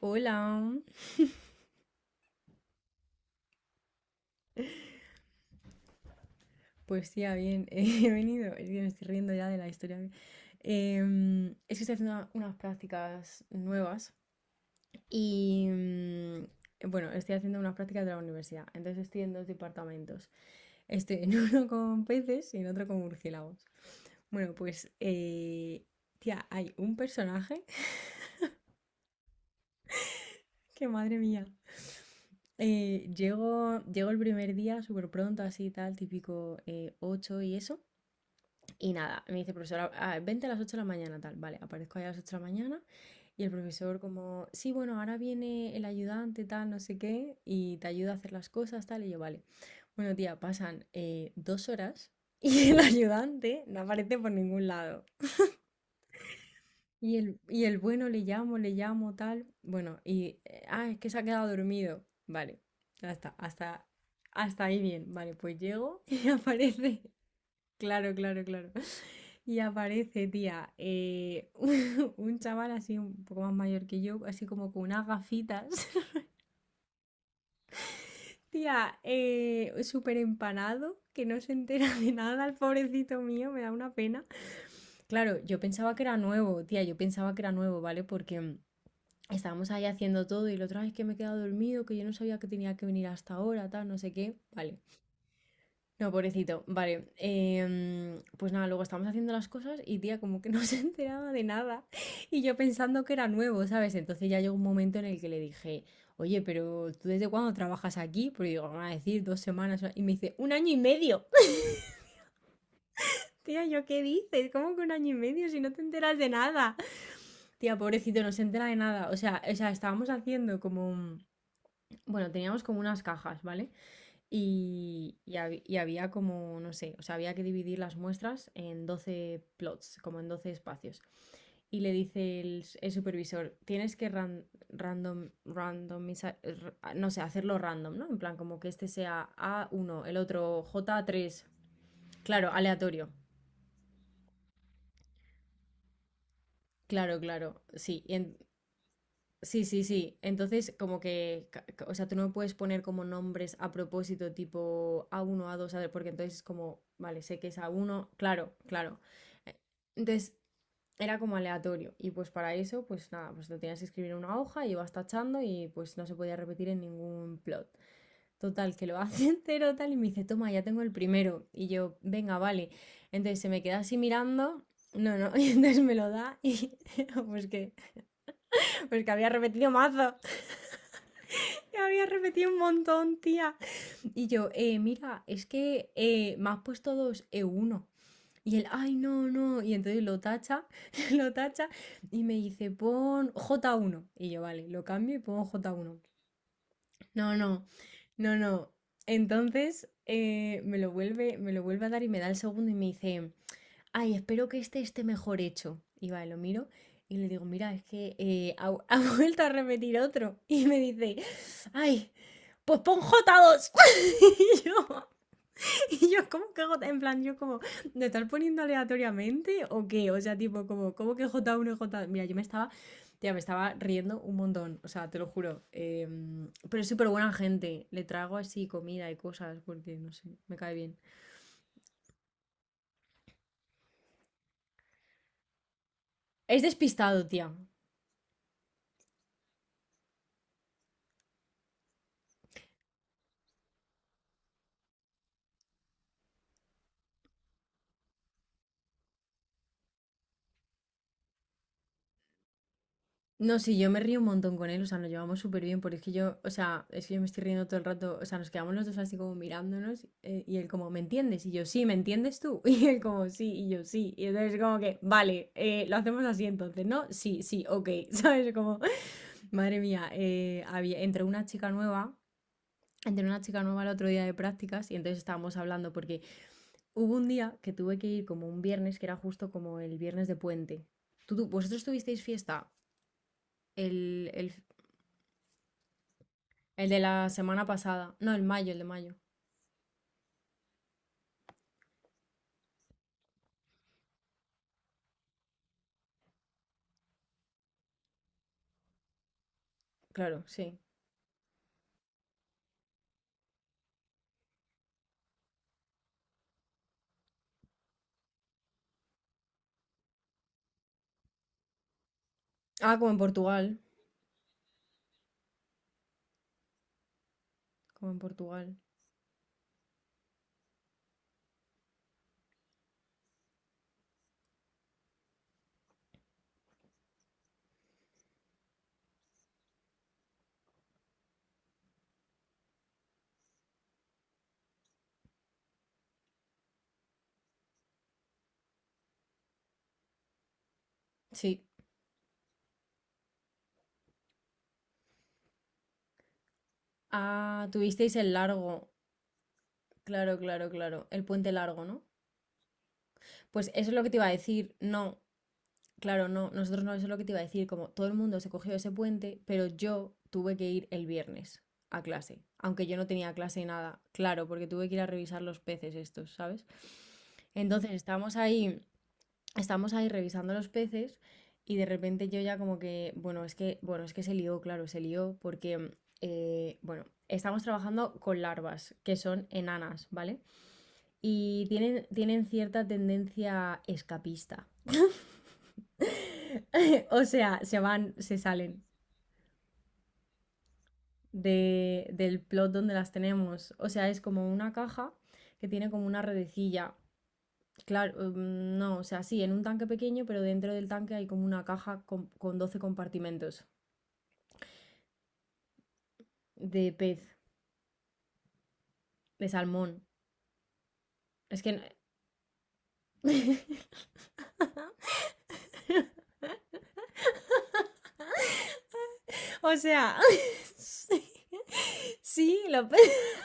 Hola, pues ya bien, he venido, es que me estoy riendo ya de la historia. Es que estoy haciendo unas prácticas nuevas y bueno, estoy haciendo unas prácticas de la universidad, entonces estoy en dos departamentos. Estoy en uno con peces y en otro con murciélagos. Bueno, pues tía, hay un personaje que madre mía. Llego el primer día súper pronto, así tal, típico 8 y eso. Y nada, me dice, profesora, "Ah, vente a las 8 de la mañana, tal." Vale, aparezco ahí a las 8 de la mañana y el profesor como, sí, bueno, ahora viene el ayudante, tal, no sé qué, y te ayuda a hacer las cosas, tal. Y yo, vale. Bueno, tía, pasan 2 horas y el ayudante no aparece por ningún lado. Y el bueno le llamo, tal. Bueno, y, ah, es que se ha quedado dormido. Vale, ya está, hasta ahí bien. Vale, pues llego y aparece. Claro, claro, claro. Y aparece, tía, un chaval así un poco más mayor que yo, así como con unas gafitas. Tía, súper empanado, que no se entera de nada, el pobrecito mío, me da una pena. Claro, yo pensaba que era nuevo, tía, yo pensaba que era nuevo, ¿vale? Porque estábamos ahí haciendo todo y la otra vez que me he quedado dormido, que yo no sabía que tenía que venir hasta ahora, tal, no sé qué. Vale. No, pobrecito. Vale. Pues nada, luego estábamos haciendo las cosas y tía como que no se enteraba de nada y yo pensando que era nuevo, ¿sabes? Entonces ya llegó un momento en el que le dije, oye, pero ¿tú desde cuándo trabajas aquí? Porque digo, van a decir 2 semanas. Y me dice, un año y medio. Tía, ¿yo qué dices? ¿Cómo que un año y medio si no te enteras de nada? Tía, pobrecito, no se entera de nada. O sea, estábamos haciendo como… Bueno, teníamos como unas cajas, ¿vale? Y había como, no sé, o sea, había que dividir las muestras en 12 plots, como en 12 espacios. Y le dice el supervisor, tienes que random, no sé, hacerlo random, ¿no? En plan, como que este sea a uno el otro j tres. Claro, aleatorio. Claro, claro, sí. Y sí, sí, sí. Entonces, como que, o sea, tú no puedes poner como nombres a propósito, tipo a uno a dos a ver, porque entonces es como, vale, sé que es a uno, claro, claro. Eh, Entonces, era como aleatorio. Y pues para eso, pues nada, pues lo tenías que escribir en una hoja y ibas tachando y pues no se podía repetir en ningún plot. Total, que lo hace entero tal y me dice, toma, ya tengo el primero. Y yo, venga, vale. Entonces se me queda así mirando. No, no, y entonces me lo da y pues que, pues que, había repetido mazo. Te había repetido un montón, tía. Y yo, mira, es que me has puesto dos e uno. Y él, ay, no, no. Y entonces lo tacha, lo tacha y me dice, pon j uno. Y yo, vale, lo cambio y pongo j uno. No, no, no, no. Entonces me lo vuelve a dar y me da el segundo y me dice, ay, espero que este esté mejor hecho. Y vale, lo miro y le digo, mira, es que ha vuelto a repetir otro. Y me dice, ay, pues pon j dos. Y yo, y yo, ¿cómo que J? En plan, yo como, ¿me estás poniendo aleatoriamente o qué? O sea, tipo, como, ¿cómo que j uno, y J2? Mira, yo me estaba, tía, me estaba riendo un montón. O sea, te lo juro. Pero es súper buena gente. Le traigo así comida y cosas porque, no sé, me cae bien. Es despistado, tía. No, sí, yo me río un montón con él, o sea, nos llevamos súper bien, porque es que yo, o sea, es que yo me estoy riendo todo el rato, o sea, nos quedamos los dos así como mirándonos y él como, ¿me entiendes? Y yo, sí, ¿me entiendes tú? Y él como, sí, y yo, sí. Y entonces como que, vale, lo hacemos así entonces, ¿no? Sí, sí, ok, ¿sabes? Como, madre mía, había, entró una chica nueva, entró una chica nueva el otro día de prácticas y entonces estábamos hablando porque hubo un día que tuve que ir como un viernes, que era justo como el viernes de puente. ¿Tú, vosotros tuvisteis fiesta? El. El de la semana pasada. No, el mayo, el de mayo. Claro, sí. Ah, como en Portugal. Como en Portugal. Sí. Ah, tuvisteis el largo. Claro, claro, claro. El puente largo, ¿no? Pues eso es lo que te iba a decir. No, claro, no. Nosotros no, eso es lo que te iba a decir. Como todo el mundo se cogió ese puente, pero yo tuve que ir el viernes a clase. Aunque yo no tenía clase ni nada. Claro, porque tuve que ir a revisar los peces estos, ¿sabes? Entonces estábamos ahí estamos ahí revisando los peces y de repente yo ya como que, bueno, es que, se lió, claro, se lió porque, bueno, estamos trabajando con larvas que son enanas, ¿vale? Y tienen cierta tendencia escapista. O sea, se van, se salen del plot donde las tenemos. O sea, es como una caja que tiene como una redecilla. Claro, no, o sea, sí, en un tanque pequeño, pero dentro del tanque hay como una caja con 12 compartimentos. De pez, de salmón. Es que no… O sea, sí, sí, los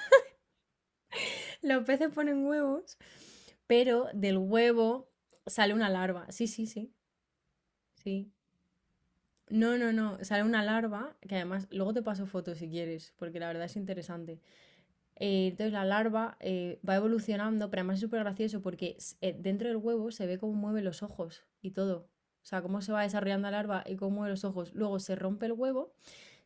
los peces ponen huevos, pero del huevo sale una larva. Sí, sí, sí, sí. No, no, no, sale una larva que además luego te paso fotos si quieres, porque la verdad es interesante. Entonces la larva va evolucionando, pero además es súper gracioso porque dentro del huevo se ve cómo mueve los ojos y todo. O sea, cómo se va desarrollando la larva y cómo mueve los ojos. Luego se rompe el huevo,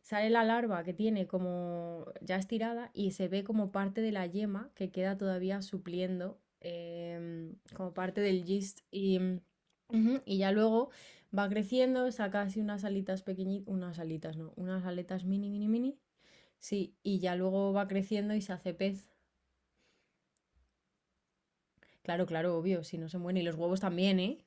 sale la larva que tiene como ya estirada y se ve como parte de la yema que queda todavía supliendo como parte del gist. Y, ujú, y ya luego va creciendo, saca así unas alitas pequeñitas, unas alitas, no, unas aletas mini, mini, mini. Sí, y ya luego va creciendo y se hace pez. Claro, claro, obvio, si no se mueren. Y los huevos también, ¿eh?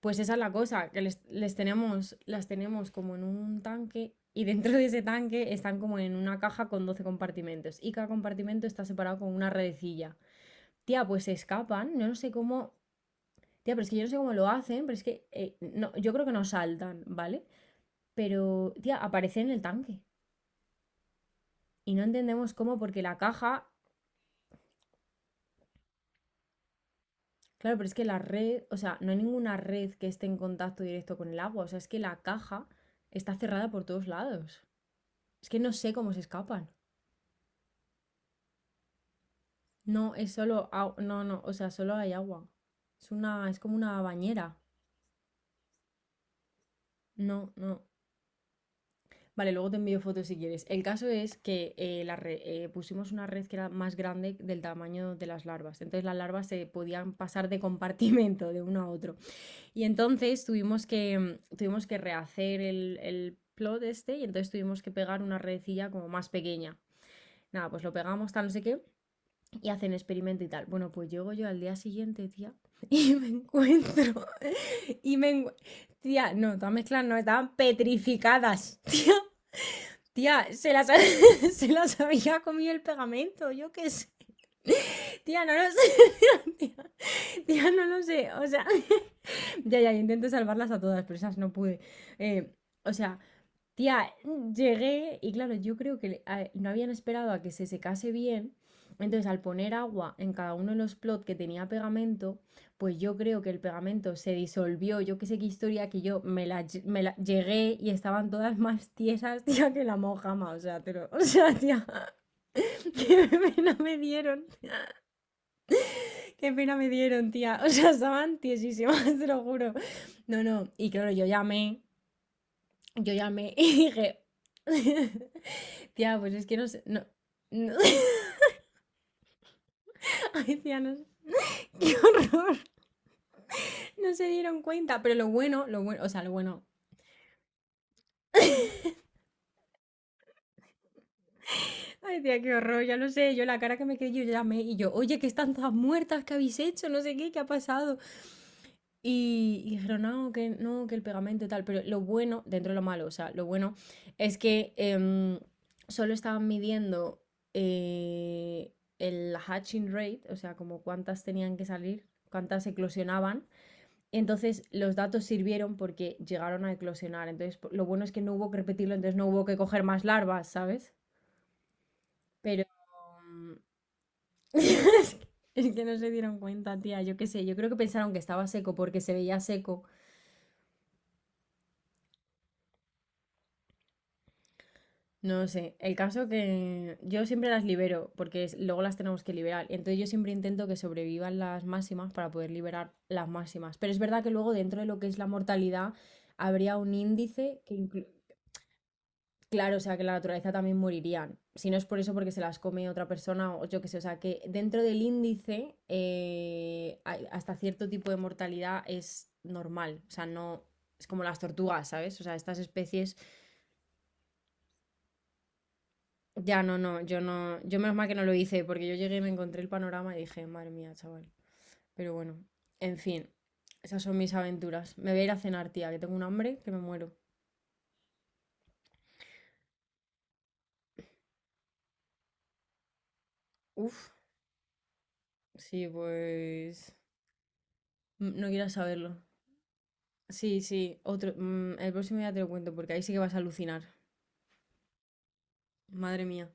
Pues esa es la cosa, que las tenemos como en un tanque y dentro de ese tanque están como en una caja con 12 compartimentos y cada compartimento está separado con una redecilla. Tía, pues se escapan, yo no sé cómo… Tía, pero es que yo no sé cómo lo hacen, pero es que no, yo creo que no saltan, ¿vale? Pero, tía, aparecen en el tanque y no entendemos cómo porque la caja. Claro, pero es que la red, o sea, no hay ninguna red que esté en contacto directo con el agua. O sea, es que la caja está cerrada por todos lados. Es que no sé cómo se escapan. No, es solo agua. No, no, o sea, solo hay agua. Es como una bañera. No, no. Vale, luego te envío fotos si quieres. El caso es que pusimos una red que era más grande del tamaño de las larvas. Entonces las larvas se podían pasar de compartimento de uno a otro. Y entonces tuvimos que rehacer el plot este y entonces tuvimos que pegar una redecilla como más pequeña. Nada, pues lo pegamos, tal, no sé qué, y hacen experimento y tal. Bueno, pues llego yo al día siguiente, tía, y me encuentro. Y me. Tía, no, todas mezclas no, estaban petrificadas. Tía, se las, se las había comido el pegamento, yo qué sé. Tía, no lo sé. Tía, tía, tía no lo sé. O sea, ya, ya, intenté salvarlas a todas, pero esas no pude. Eh, o sea, tía, llegué y claro, yo creo que no habían esperado a que se secase bien. Entonces, al poner agua en cada uno de los plot que tenía pegamento, pues yo creo que el pegamento se disolvió. Yo que sé qué historia que yo me la, lle- me la- llegué y estaban todas más tiesas, tía, que la mojama. O sea, o sea, tía, qué pena me dieron. Qué pena me dieron, tía. O sea, estaban tiesísimas, te lo juro. No, no, y claro, yo llamé y dije, tía, pues es que no sé, no, no- ay, tía, no sé, qué horror, no se dieron cuenta, pero lo bueno, o sea, lo bueno, ay, tía, qué horror, ya lo sé, yo la cara que me quedé, yo llamé y yo, oye, que están todas muertas, ¿qué habéis hecho? No sé qué, ¿qué ha pasado? Y dijeron, no, que no, que el pegamento y tal. Pero lo bueno, dentro de lo malo, o sea, lo bueno es que solo estaban midiendo eh, el hatching rate, o sea, como cuántas tenían que salir, cuántas eclosionaban. Entonces los datos sirvieron porque llegaron a eclosionar. Entonces lo bueno es que no hubo que repetirlo, entonces no hubo que coger más larvas, ¿sabes? Pero mm, es que no se dieron cuenta, tía. Yo qué sé, yo creo que pensaron que estaba seco porque se veía seco. No sé, el caso que yo siempre las libero porque luego las tenemos que liberar. Entonces yo siempre intento que sobrevivan las máximas para poder liberar las máximas. Pero es verdad que luego dentro de lo que es la mortalidad habría un índice que claro, o sea, que la naturaleza también morirían. Si no es por eso porque se las come otra persona o yo qué sé, o sea, que dentro del índice hasta cierto tipo de mortalidad es normal. O sea, no es como las tortugas, ¿sabes? O sea, estas especies. Ya, no, no, yo no, yo menos mal que no lo hice, porque yo llegué y me encontré el panorama y dije, madre mía, chaval. Pero bueno, en fin, esas son mis aventuras. Me voy a ir a cenar, tía, que tengo un hambre que me muero. Uf, sí, pues… No quieras saberlo. Sí, sí, otro… El próximo día te lo cuento, porque ahí sí que vas a alucinar. Madre mía.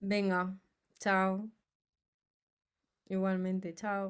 Venga, chao. Igualmente, chao.